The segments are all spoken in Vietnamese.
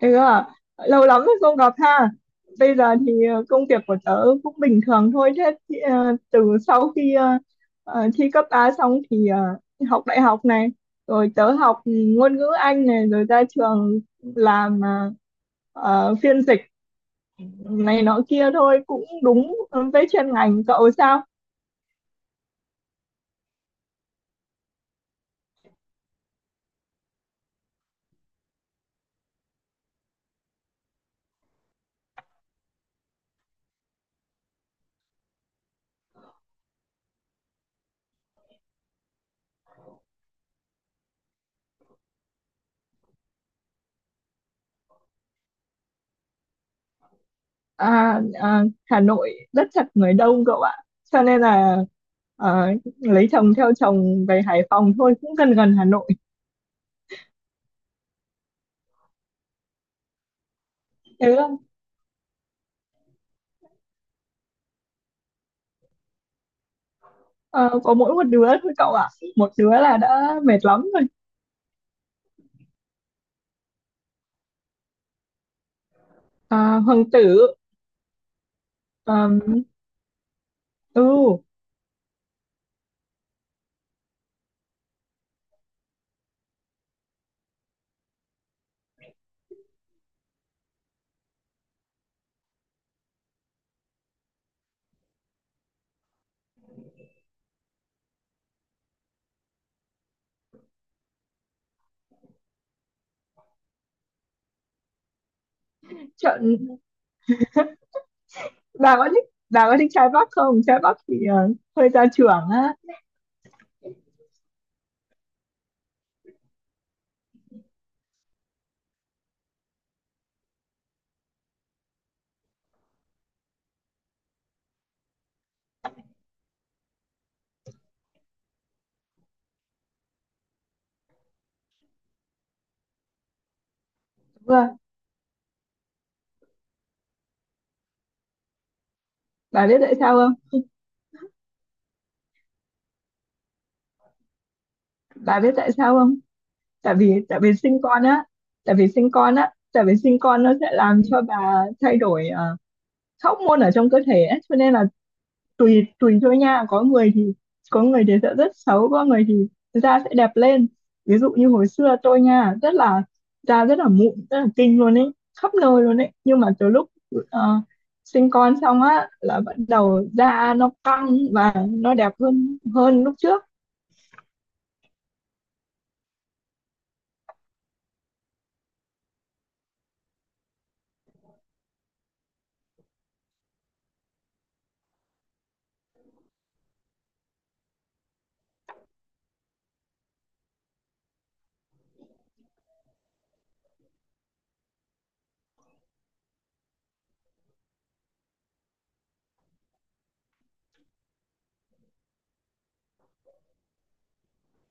Ừ, à, Lâu lắm rồi không gặp ha. Bây giờ thì công việc của tớ cũng bình thường thôi. Thế thì từ sau khi thi cấp 3 xong thì học đại học này, rồi tớ học ngôn ngữ Anh này, rồi ra trường làm phiên dịch này nọ kia thôi, cũng đúng với chuyên ngành. Cậu sao? Hà Nội rất chật, người đông cậu ạ. Cho nên là ờ, lấy chồng theo chồng về Hải Phòng thôi, cũng gần gần Hà Nội. Ờ, có mỗi một đứa thôi cậu ạ, một đứa là đã mệt lắm rồi. À, hoàng tử. um, ừ. Trận. Bà có thích, bà có thích trai Bắc không? Trai Bắc thì hơi gia trưởng á. Đúng rồi. Bà biết tại sao không? Bà biết tại sao không? Tại vì sinh con á, tại vì sinh con nó sẽ làm cho bà thay đổi các hormone ở trong cơ thể ấy. Cho nên là tùy tùy thôi nha, có người thì, có người thì sẽ rất xấu, có người thì da sẽ đẹp lên. Ví dụ như hồi xưa tôi nha, rất là, da rất là mụn, rất là kinh luôn ấy, khắp nơi luôn ấy. Nhưng mà từ lúc ờ, sinh con xong á là bắt đầu da nó căng và nó đẹp hơn, hơn lúc trước.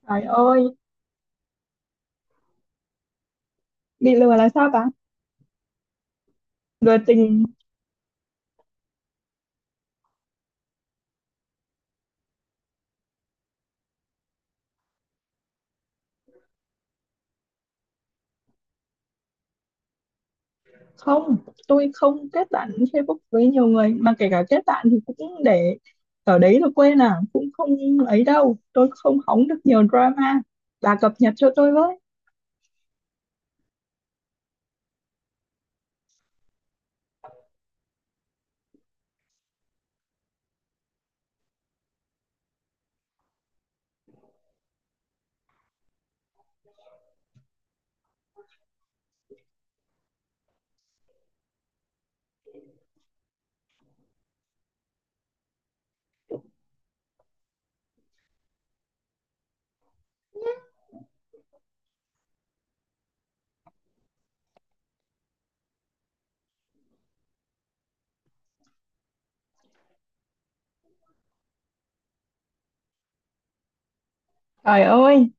Trời ơi, bị lừa là sao ta? Lừa tình. Không, tôi không kết bạn Facebook với nhiều người, mà kể cả kết bạn thì cũng để ở đấy rồi quên à, cũng không ấy đâu. Tôi không hóng được nhiều drama, bà cập nhật cho tôi với. Trời ơi,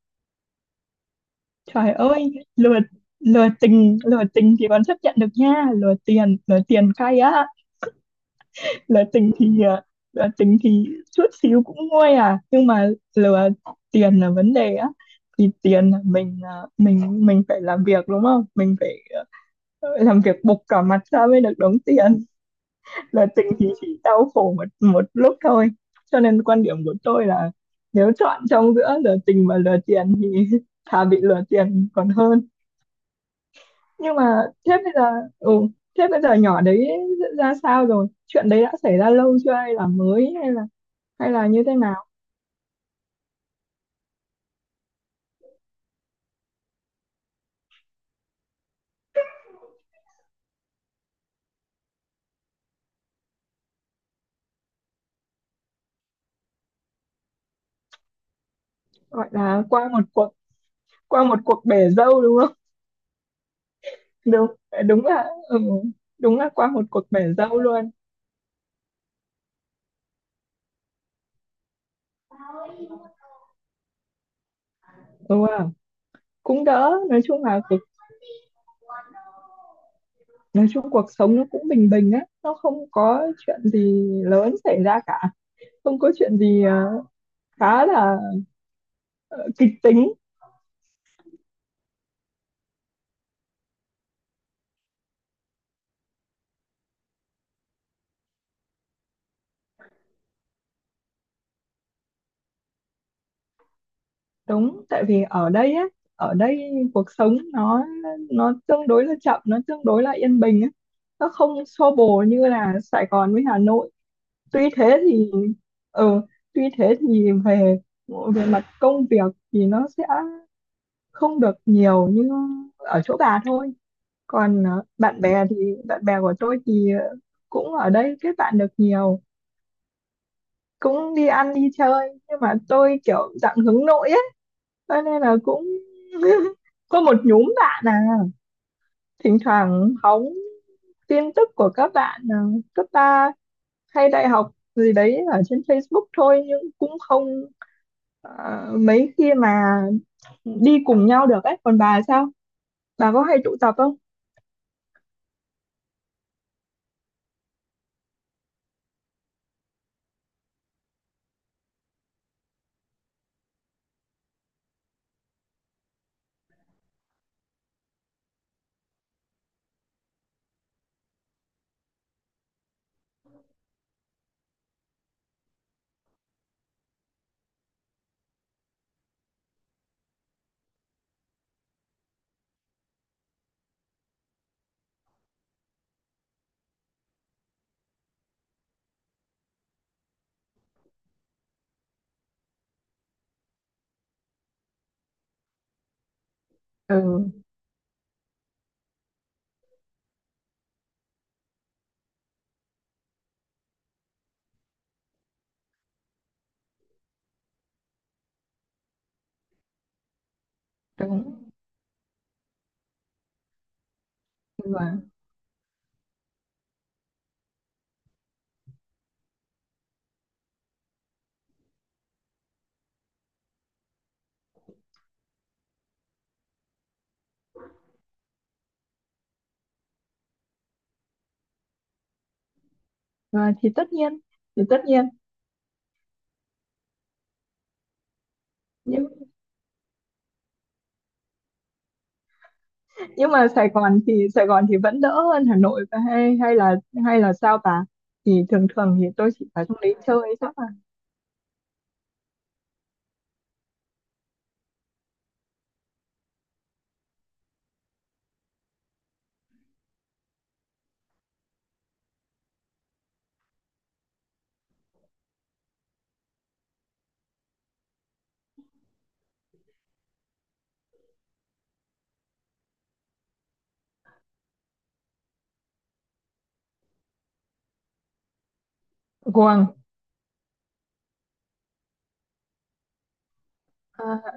trời ơi. Lừa, lừa tình, lừa tình thì còn chấp nhận được nha. Lừa tiền, lừa tiền cay á. Lừa tình thì lừa tình thì chút xíu cũng nguôi à, nhưng mà lừa tiền là vấn đề á. Thì tiền là mình, mình phải làm việc đúng không, mình phải làm việc bục cả mặt ra mới được đóng tiền. Là tình thì chỉ đau khổ một một lúc thôi. Cho nên quan điểm của tôi là, nếu chọn trong giữa lừa tình và lừa tiền thì thà bị lừa tiền còn hơn. Nhưng mà thế bây giờ, ừ, thế bây giờ nhỏ đấy ra sao rồi? Chuyện đấy đã xảy ra lâu chưa, hay là mới, hay là, hay là như thế nào? Gọi là qua một cuộc, qua một cuộc bể dâu đúng không? Đúng, đúng là ừ, đúng là qua một cuộc bể dâu luôn. Đúng không, cũng đỡ. Nói chung là cuộc, nói chung cuộc sống nó cũng bình bình á, nó không có chuyện gì lớn xảy ra cả. Không có chuyện gì khá là ờ, kịch tính. Đúng, tại vì ở đây á, ở đây cuộc sống nó tương đối là chậm, nó tương đối là yên bình á, nó không xô bồ như là Sài Gòn với Hà Nội. Tuy thế thì, ừ, tuy thế thì về, về mặt công việc thì nó sẽ không được nhiều như ở chỗ bà thôi. Còn bạn bè thì, bạn bè của tôi thì cũng ở đây kết bạn được nhiều, cũng đi ăn đi chơi. Nhưng mà tôi kiểu dạng hướng nội ấy, cho nên là cũng có một nhóm bạn à, thỉnh thoảng hóng tin tức của các bạn à, cấp 3 hay đại học gì đấy ở trên Facebook thôi. Nhưng cũng không mấy khi mà đi cùng nhau được ấy. Còn bà sao, bà có hay tụ tập không? Ừ, đúng rồi. Và thì tất nhiên, thì tất nhiên. nhưng nhưng mà Sài Gòn thì, Sài Gòn thì vẫn đỡ hơn Hà Nội. Và hay, hay là sao ta? Thì thường thường thì tôi chỉ vào trong đấy chơi chắc là. Guồng. À,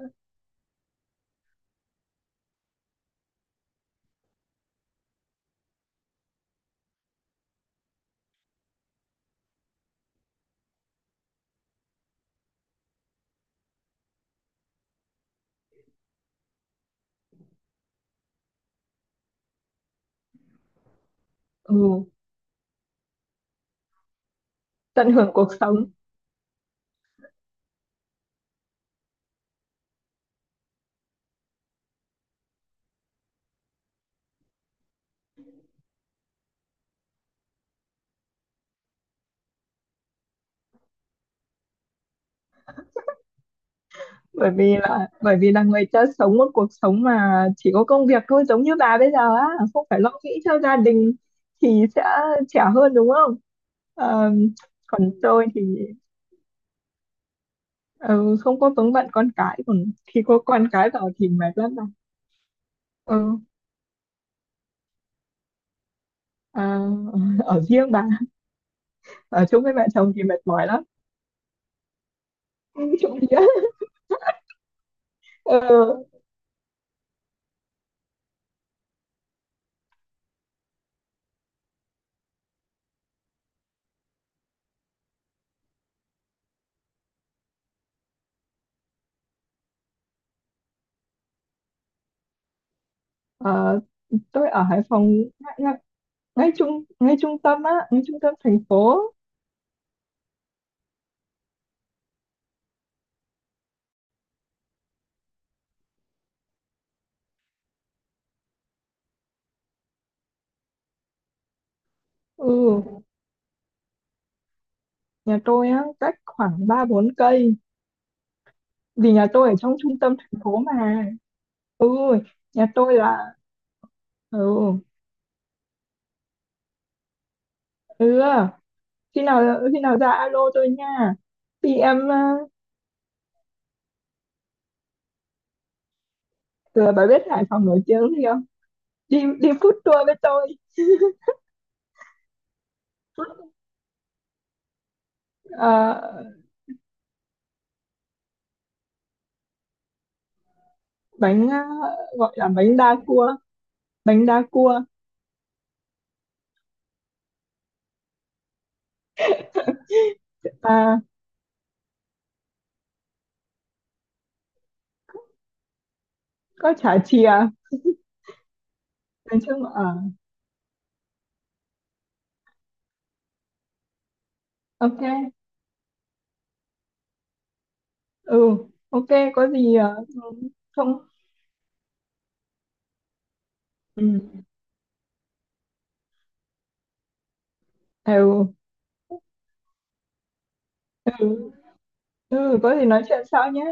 ừ, tận hưởng cuộc sống. Bởi vì là, bởi vì là người ta sống một cuộc sống mà chỉ có công việc thôi, giống như bà bây giờ á, không phải lo nghĩ cho gia đình thì sẽ trẻ hơn đúng không. Ờ, còn tôi thì ừ, không có vướng bận con cái. Còn khi có con cái vào thì mệt lắm bà. ừ, à, ở riêng bà. Ở chung với mẹ chồng thì mệt mỏi lắm, trộm vía. Ừ, ờ, tôi ở Hải Phòng, ngay ngay ngay trung, ngay trung tâm á, ngay trung tâm thành phố. Ừ, nhà tôi á, cách khoảng 3 4 cây, vì nhà tôi ở trong trung tâm thành phố mà. Ừ, nhà tôi là, ừ, ừ, khi nào, khi nào ra alo tôi nha. Thì em, a, ừ, bà biết Hải Phòng nổi tiếng gì không? Đi đi food tour với tôi. Ờ, bánh, a, gọi là, bánh đa cua, bánh đa cua. À, có chả chìa. Nói chung ở, ok. Ừ, ok, có gì, không. Ừ, ừ. Ừ, có gì nói chuyện sau nhé.